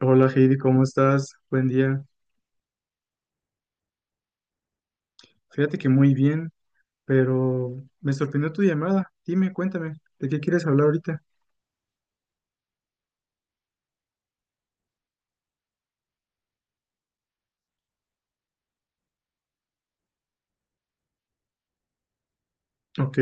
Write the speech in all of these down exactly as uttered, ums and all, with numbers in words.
Hola Heidi, ¿cómo estás? Buen día. Fíjate que muy bien, pero me sorprendió tu llamada. Dime, cuéntame, ¿de qué quieres hablar ahorita? Ok,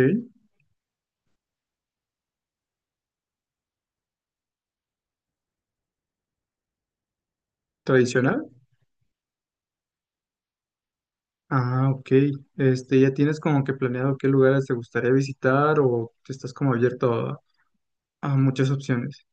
¿tradicional? Ah, ok. Este, ¿ya tienes como que planeado qué lugares te gustaría visitar o estás como abierto a, a muchas opciones?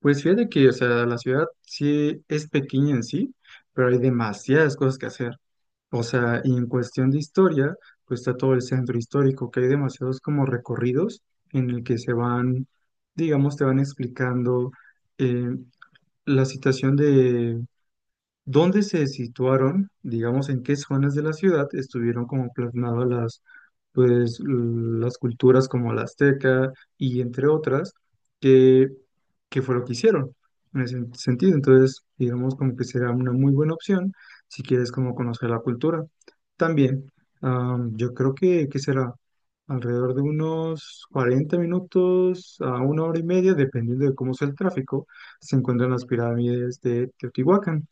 Pues fíjate que, o sea, la ciudad sí es pequeña en sí, pero hay demasiadas cosas que hacer. O sea, y en cuestión de historia, pues está todo el centro histórico, que hay demasiados como recorridos en el que se van, digamos, te van explicando eh, la situación de dónde se situaron, digamos, en qué zonas de la ciudad estuvieron como plasmadas las, pues, l- las culturas como la azteca y entre otras, que, que fue lo que hicieron en ese sentido. Entonces, digamos, como que será una muy buena opción si quieres como conocer la cultura. También, ah, yo creo que, que será alrededor de unos cuarenta minutos a una hora y media, dependiendo de cómo sea el tráfico, se encuentran las pirámides de Teotihuacán.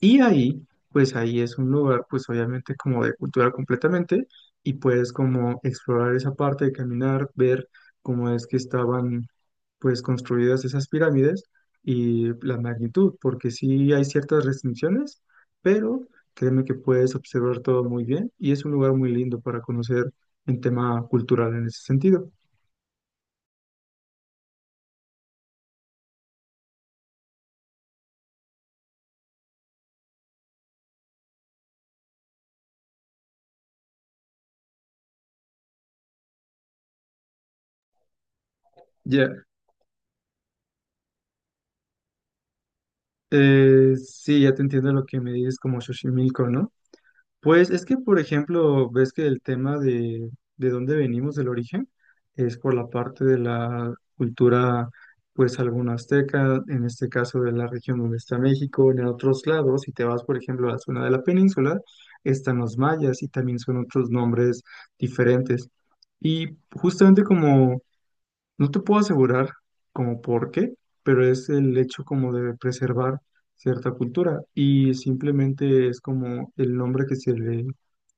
Y ahí, pues ahí es un lugar, pues obviamente como de cultura completamente, y puedes como explorar esa parte de caminar, ver cómo es que estaban pues construidas esas pirámides y la magnitud, porque sí hay ciertas restricciones, pero créeme que puedes observar todo muy bien y es un lugar muy lindo para conocer en tema cultural en ese sentido. Ya, eh, sí, ya te entiendo lo que me dices como Xochimilco, ¿no? Pues es que, por ejemplo, ves que el tema de, de dónde venimos, del origen, es por la parte de la cultura, pues alguna azteca, en este caso de la región donde está México, en otros lados, si te vas, por ejemplo, a la zona de la península, están los mayas y también son otros nombres diferentes. Y justamente como, no te puedo asegurar como por qué, pero es el hecho como de preservar cierta cultura y simplemente es como el nombre que se le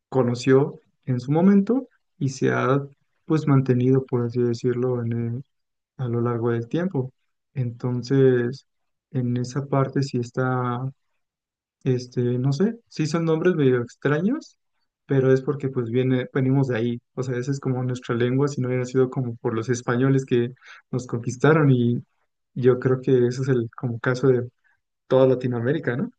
conoció en su momento y se ha pues mantenido, por así decirlo, en el- a lo largo del tiempo. Entonces, en esa parte sí está, este, no sé, sí son nombres medio extraños, pero es porque pues viene, venimos de ahí. O sea, esa es como nuestra lengua, si no hubiera sido como por los españoles que nos conquistaron y yo creo que ese es el como caso de toda Latinoamérica, ¿no?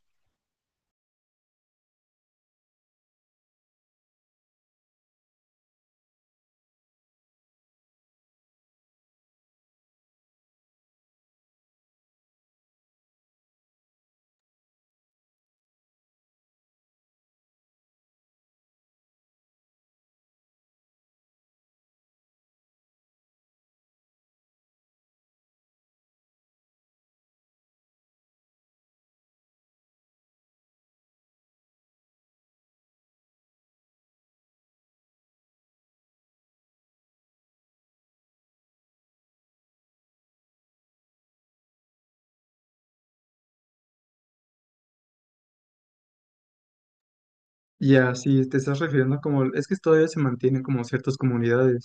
Ya, si te estás refiriendo como, es que todavía se mantienen como ciertas comunidades.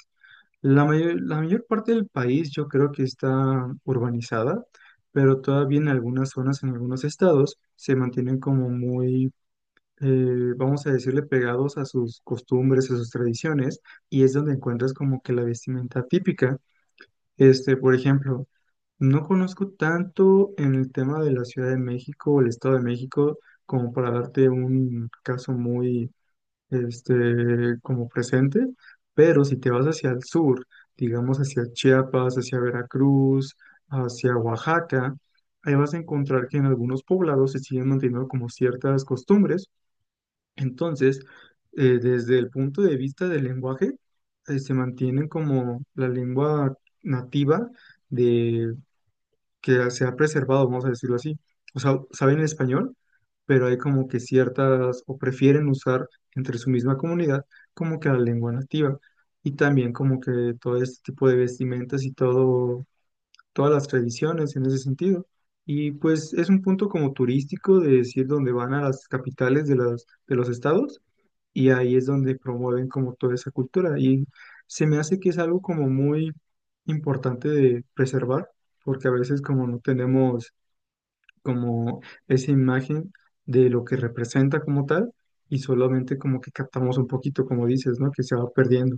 La mayor, la mayor parte del país yo creo que está urbanizada, pero todavía en algunas zonas, en algunos estados, se mantienen como muy, eh, vamos a decirle, pegados a sus costumbres, a sus tradiciones, y es donde encuentras como que la vestimenta típica. Este, por ejemplo, no conozco tanto en el tema de la Ciudad de México o el Estado de México como para darte un caso muy este, como presente, pero si te vas hacia el sur, digamos hacia Chiapas, hacia Veracruz, hacia Oaxaca, ahí vas a encontrar que en algunos poblados se siguen manteniendo como ciertas costumbres. Entonces, eh, desde el punto de vista del lenguaje, eh, se mantienen como la lengua nativa que se ha preservado, vamos a decirlo así. O sea, saben español, pero hay como que ciertas, o prefieren usar entre su misma comunidad como que la lengua nativa. Y también como que todo este tipo de vestimentas y todo, todas las tradiciones en ese sentido. Y pues es un punto como turístico de decir donde van a las capitales de las, de los estados y ahí es donde promueven como toda esa cultura. Y se me hace que es algo como muy importante de preservar, porque a veces como no tenemos como esa imagen de lo que representa como tal, y solamente como que captamos un poquito, como dices, ¿no? Que se va perdiendo.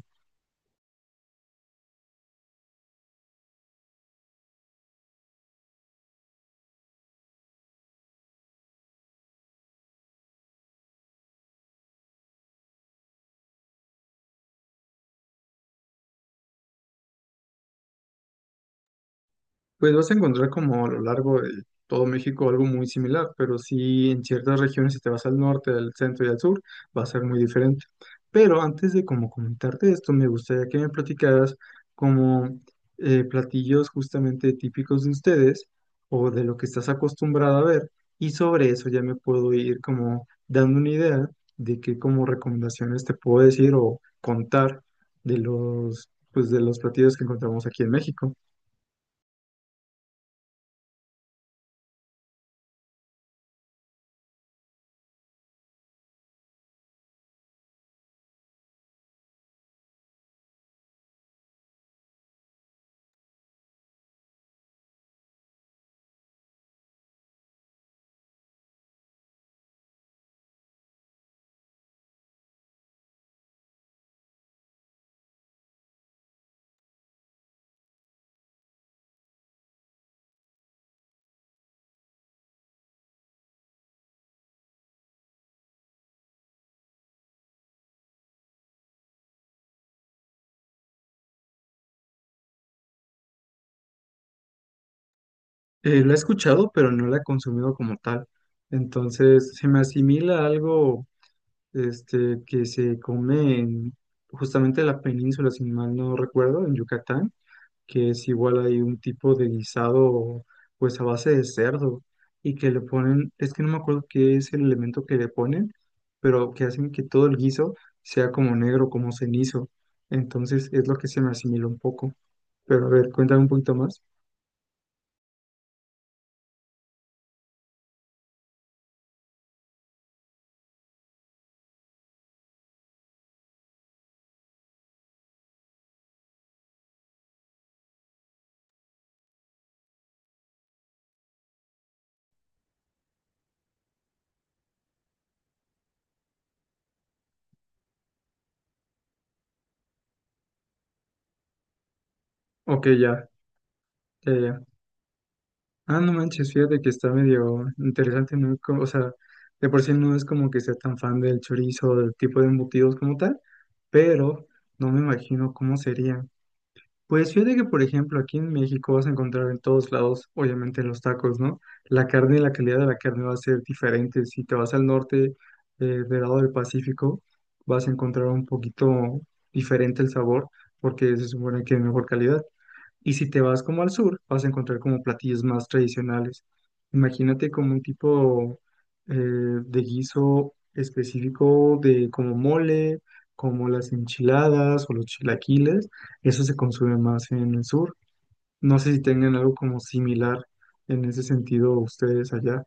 Pues vas a encontrar como a lo largo de todo México algo muy similar, pero sí en ciertas regiones, si te vas al norte, al centro y al sur, va a ser muy diferente. Pero antes de como comentarte esto, me gustaría que me platicaras como eh, platillos justamente típicos de ustedes o de lo que estás acostumbrado a ver, y sobre eso ya me puedo ir como dando una idea de qué como recomendaciones te puedo decir o contar de los, pues, de los platillos que encontramos aquí en México. Eh, la he escuchado, pero no la he consumido como tal. Entonces, se me asimila a algo este, que se come en justamente la península, si mal no recuerdo, en Yucatán, que es igual hay un tipo de guisado, pues a base de cerdo, y que le ponen, es que no me acuerdo qué es el elemento que le ponen, pero que hacen que todo el guiso sea como negro, como cenizo. Entonces, es lo que se me asimila un poco. Pero a ver, cuéntame un poquito más. Ok, ya. Ya, ya. Ah, no manches, fíjate que está medio interesante, ¿no? Como- O sea, de por sí no es como que sea tan fan del chorizo o del tipo de embutidos como tal, pero no me imagino cómo sería. Pues fíjate que, por ejemplo, aquí en México vas a encontrar en todos lados, obviamente, los tacos, ¿no? La carne y la calidad de la carne va a ser diferente. Si te vas al norte, eh, del lado del Pacífico, vas a encontrar un poquito diferente el sabor, porque se supone que es mejor calidad. Y si te vas como al sur, vas a encontrar como platillos más tradicionales. Imagínate como un tipo eh, de guiso específico de como mole, como las enchiladas o los chilaquiles. Eso se consume más en el sur. No sé si tengan algo como similar en ese sentido ustedes allá.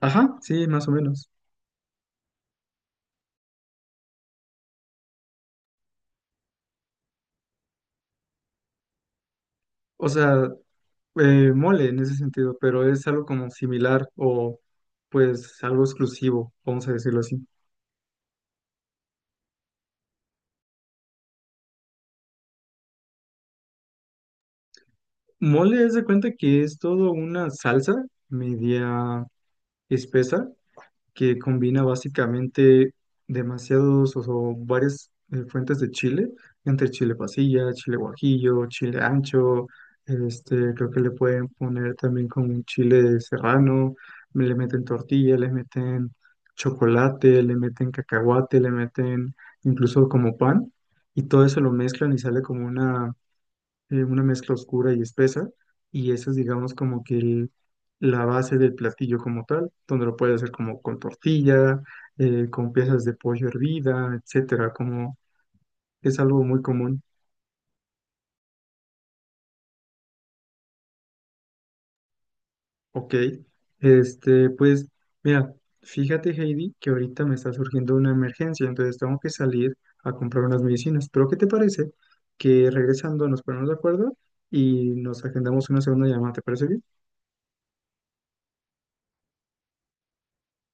Ajá, sí, más o menos. O sea, eh, mole en ese sentido, pero es algo como similar o pues algo exclusivo, vamos a decirlo así. Mole, haz de cuenta que es todo una salsa media espesa que combina básicamente demasiados o, o varias eh, fuentes de chile, entre chile pasilla, chile guajillo, chile ancho, este, creo que le pueden poner también con un chile serrano, le meten tortilla, le meten chocolate, le meten cacahuate, le meten incluso como pan, y todo eso lo mezclan y sale como una eh, una mezcla oscura y espesa, y eso es, digamos, como que el- la base del platillo como tal, donde lo puedes hacer como con tortilla, eh, con piezas de pollo hervida, etcétera, como es algo muy común, ¿ok? Este, pues, mira, fíjate, Heidi, que ahorita me está surgiendo una emergencia, entonces tengo que salir a comprar unas medicinas, pero ¿qué te parece que regresando nos ponemos de acuerdo y nos agendamos una segunda llamada, ¿te parece bien?